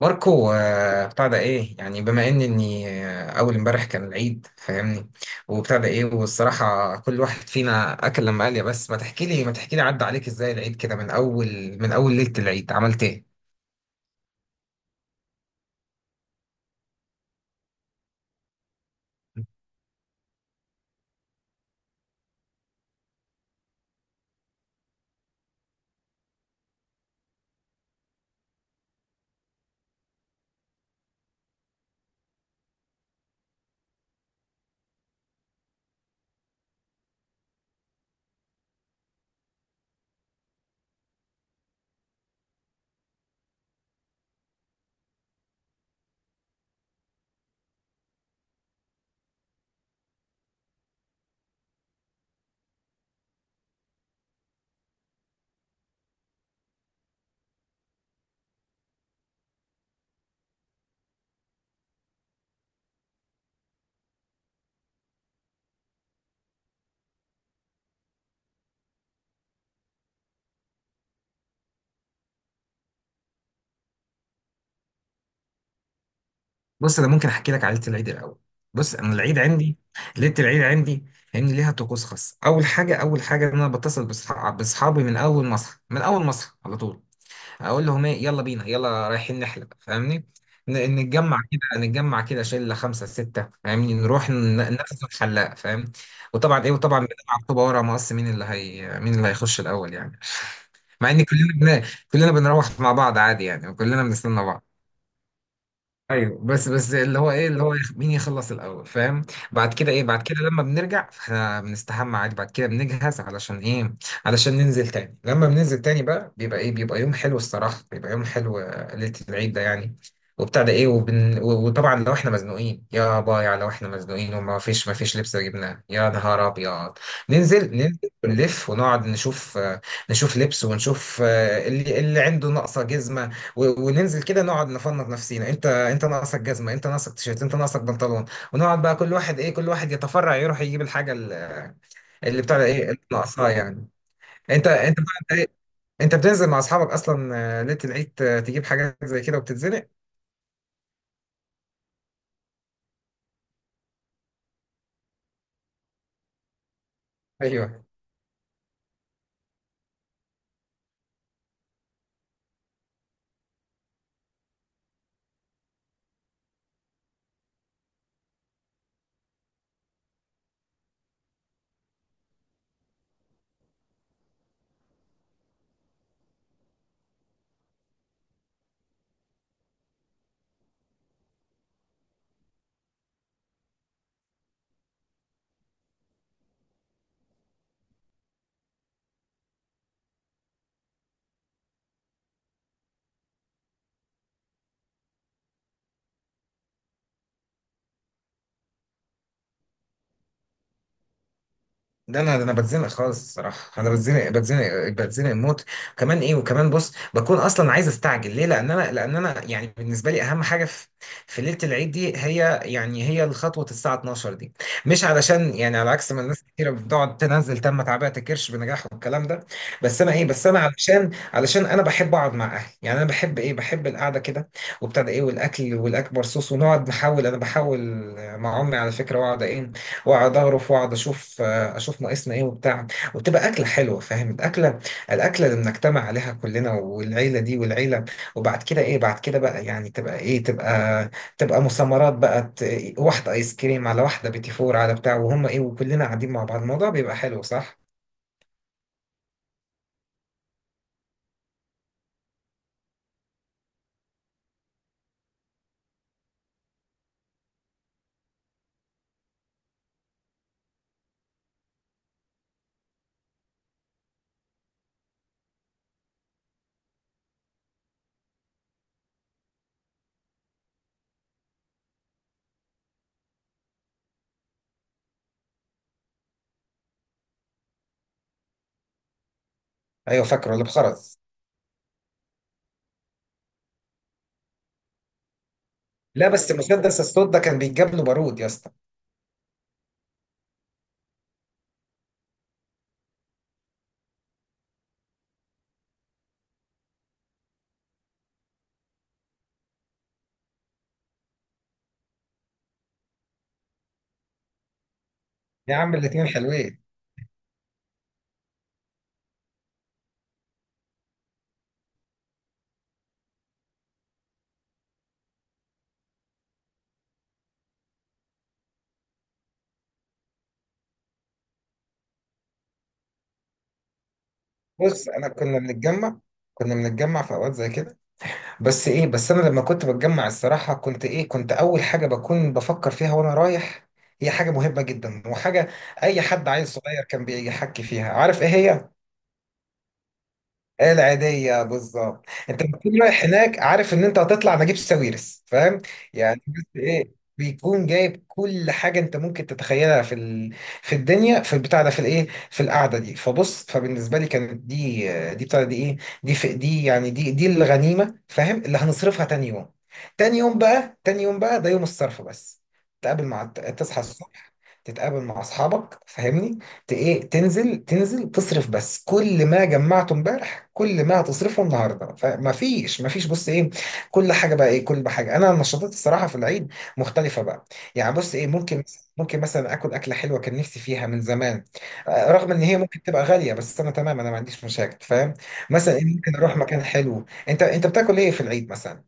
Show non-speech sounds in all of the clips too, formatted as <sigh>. ماركو بتاع ده ايه يعني بما ان اني اول امبارح كان العيد فاهمني. وبتاع ده ايه والصراحه كل واحد فينا اكل لما قال يا بس ما تحكي لي عدى عليك ازاي العيد كده من اول ليله العيد عملت ايه؟ بص انا ممكن احكي لك على ليله العيد الاول. بص انا العيد عندي، ليله العيد عندي فاهمني ليها طقوس خاص. اول حاجه، ان انا بتصل باصحابي من اول ما اصحى على طول. اقول لهم ايه، يلا بينا، يلا رايحين نحلب فاهمني. نتجمع كده، شله خمسه سته فاهمني، نروح نغزو الحلاق فاهم. وطبعا بنلعب طوبه ورا مقص، مين اللي مين اللي هيخش الاول يعني. مع ان كلنا بن... كلنا بنروح مع بعض عادي يعني، وكلنا بنستنى بعض. ايوه بس اللي هو ايه، اللي هو مين يخلص الاول فاهم. بعد كده ايه، بعد كده لما بنرجع احنا بنستحمى عادي، بعد كده بنجهز علشان ايه، علشان ننزل تاني. لما بننزل تاني بقى بيبقى ايه، بيبقى يوم حلو الصراحه، بيبقى يوم حلو ليله العيد ده يعني. وبتاع ده ايه وطبعا لو احنا مزنوقين يا بايع، لو احنا مزنوقين وما فيش ما فيش لبس جبناه، يا نهار ابيض، ننزل. ونلف ونقعد نشوف نشوف لبس ونشوف اللي عنده ناقصه جزمه. وننزل كده نقعد نفنط نفسينا. انت ناقصك جزمه، انت ناقصك تيشيرت، انت ناقصك بنطلون. ونقعد بقى كل واحد ايه، كل واحد يتفرع يروح يجيب الحاجه اللي بتاع ده ايه، اللي ناقصاه يعني. انت بقى- ايه، انت بتنزل مع اصحابك اصلا ليله العيد تجيب حاجات زي كده وبتتزنق. ايوه، ده انا بتزنق خالص الصراحه، انا بتزنق موت. كمان ايه، وكمان بص، بكون اصلا عايز استعجل. ليه؟ لان انا يعني بالنسبه لي اهم حاجه في ليله العيد دي، هي يعني هي الخطوه الساعه 12 دي. مش علشان يعني على عكس ما الناس كتيره بتقعد تنزل، تم تعبئه الكرش بنجاح والكلام ده، بس انا ايه، بس انا علشان انا بحب اقعد مع اهلي يعني، انا بحب ايه، بحب القعده كده. وابتدى ايه، والاكل والاكبر صوص، ونقعد نحاول، انا بحاول مع امي على فكره، واقعد ايه، واقعد اغرف، واقعد اشوف، اشوف ناقصنا ايه وبتاع. وتبقى اكله حلوه فاهم، الاكله، الاكله اللي بنجتمع عليها كلنا، والعيله دي وبعد كده ايه، بعد كده بقى يعني تبقى ايه، تبقى مسامرات بقى، واحده ايس كريم على واحده بيتي فور على بتاع، وهم ايه، وكلنا قاعدين مع بعض الموضوع بيبقى حلو صح. ايوه فاكره اللي بخرز. لا بس مسدس الصوت ده كان بيتجاب له بارود يا اسطى. يا عم الاتنين حلوين. بص انا كنا بنتجمع، كنا بنتجمع في اوقات زي كده، بس ايه، بس انا لما كنت بتجمع الصراحه كنت ايه، كنت اول حاجه بكون بفكر فيها وانا رايح، هي حاجه مهمه جدا وحاجه اي حد عيل صغير كان بيحكي فيها. عارف ايه هي؟ إيه العادية بالظبط، انت بتكون رايح هناك عارف ان انت هتطلع نجيب ساويرس فاهم يعني. بس ايه، بيكون جايب كل حاجة انت ممكن تتخيلها في الدنيا، في البتاع ده، في الايه، في القعدة دي. فبص، فبالنسبة لي كانت دي يعني، دي الغنيمة فاهم، اللي هنصرفها تاني يوم. تاني يوم بقى، تاني يوم بقى ده يوم الصرف بس. تقابل مع تصحى الصبح، تتقابل مع اصحابك فاهمني، ت- ايه تنزل، تصرف بس كل ما جمعته امبارح، كل ما هتصرفه النهارده. فما فيش ما فيش بص ايه، كل حاجه بقى ايه، كل حاجه. انا النشاطات الصراحه في العيد مختلفه بقى. يعني بص ايه، ممكن، مثلا اكل اكله حلوه كان نفسي فيها من زمان رغم ان هي ممكن تبقى غاليه، بس انا تمام، انا ما عنديش مشاكل فاهم. مثلا إيه، ممكن اروح مكان حلو. انت بتاكل ايه في العيد مثلا؟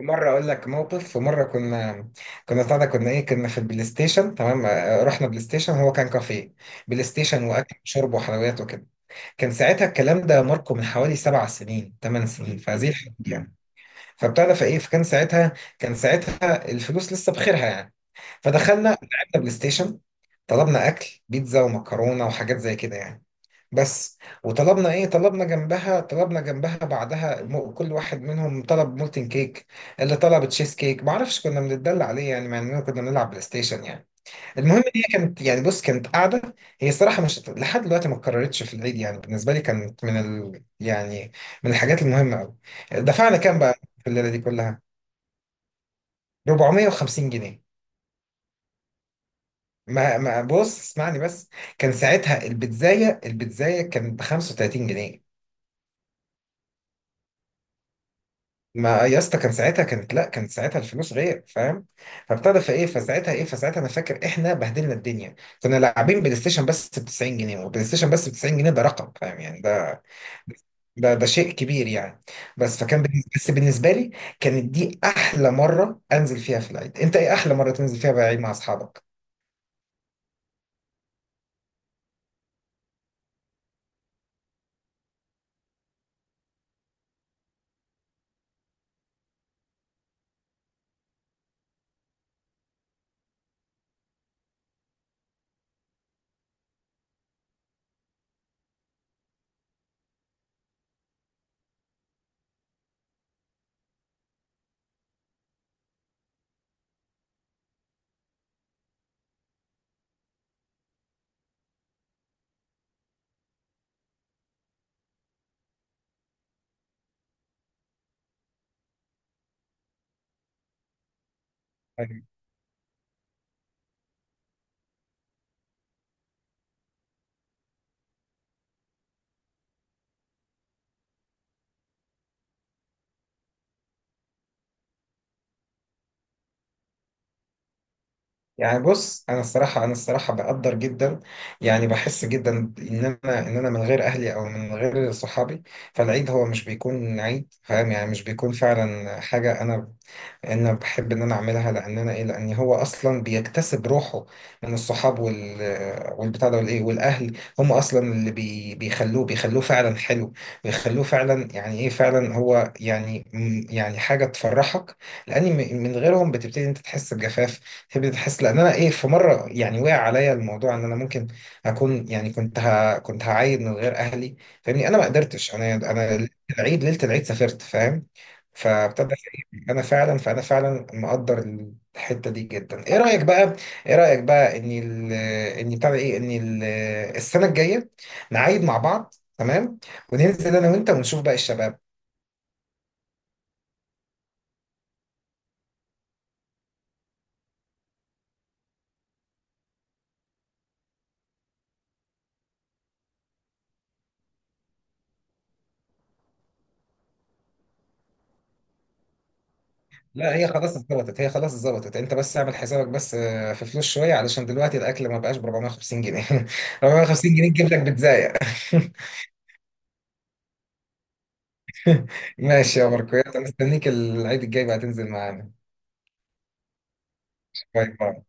مرة أقول لك موقف، ومرة كنا، كنا طالع كنا إيه كنا في البلاي ستيشن تمام رحنا بلاي ستيشن، هو كان كافيه بلاي ستيشن، وأكل وشرب وحلويات وكده. كان ساعتها الكلام ده ماركو من حوالي 7 سنين 8 سنين في هذه الحدود يعني. فبتاع ده، فايه، فكان ساعتها، كان ساعتها الفلوس لسه بخيرها يعني. فدخلنا لعبنا بلاي ستيشن، طلبنا اكل بيتزا ومكرونه وحاجات زي كده يعني. بس وطلبنا ايه، طلبنا جنبها بعدها كل واحد منهم طلب مولتن كيك، اللي طلب تشيز كيك ما اعرفش، كنا بنتدلع عليه يعني، مع اننا كنا بنلعب بلاي ستيشن يعني. المهم إن هي كانت يعني بص، كانت قاعده، هي الصراحه مش لحد دلوقتي ما اتكررتش في العيد يعني، بالنسبه لي كانت يعني من الحاجات المهمه قوي. دفعنا كام بقى في الليله دي كلها؟ 450 جنيه. ما ما بص اسمعني بس، كان ساعتها البيتزايه، البيتزايه كانت ب 35 جنيه. ما يا اسطى كان ساعتها، كانت، لا كانت ساعتها الفلوس غير فاهم. فابتدى فايه، فساعتها ايه، فساعتها انا فاكر احنا بهدلنا الدنيا. كنا لاعبين بلاي ستيشن بس ب 90 جنيه، وبلاي ستيشن بس ب 90 جنيه ده رقم فاهم يعني، ده شيء كبير يعني. بس فكان بالنسبة بس بالنسبة لي كانت دي أحلى مرة أنزل فيها في العيد. أنت إيه أحلى مرة تنزل فيها بالعيد مع أصحابك؟ أيوة. يعني بص، أنا الصراحة بقدر جدا يعني، بحس جدا إن أنا من غير أهلي أو من غير صحابي، فالعيد هو مش بيكون عيد فاهم يعني، مش بيكون فعلا حاجة أنا انا بحب ان انا اعملها. لان انا ايه لان هو اصلا بيكتسب روحه من الصحاب والبتاع ده والايه، والاهل هم اصلا اللي بيخلوه، فعلا حلو، بيخلوه فعلا يعني ايه، فعلا هو يعني يعني حاجه تفرحك. لان من غيرهم بتبتدي انت تحس بجفاف، تبتدي تحس. لان انا ايه، في مره يعني وقع عليا الموضوع ان انا ممكن اكون يعني، كنت هعيد من غير اهلي فاهمني، انا ما قدرتش انا انا العيد ليله العيد سافرت فاهم، فابتدى، انا فعلا، فانا فعلا مقدر الحته دي جدا. ايه رايك بقى؟ ان ال ان بتاع ده ايه، ان ال- السنه الجايه نعيد مع بعض تمام، وننزل انا وانت ونشوف بقى الشباب. لا هي خلاص اتظبطت، انت بس اعمل حسابك، بس في فلوس شويه علشان دلوقتي الاكل ما بقاش ب 450 جنيه <laughs> 450 جنيه تجيب لك بيتزاية <laughs> ماشي يا ماركو، يلا مستنيك العيد الجاي بقى تنزل معانا. باي باي.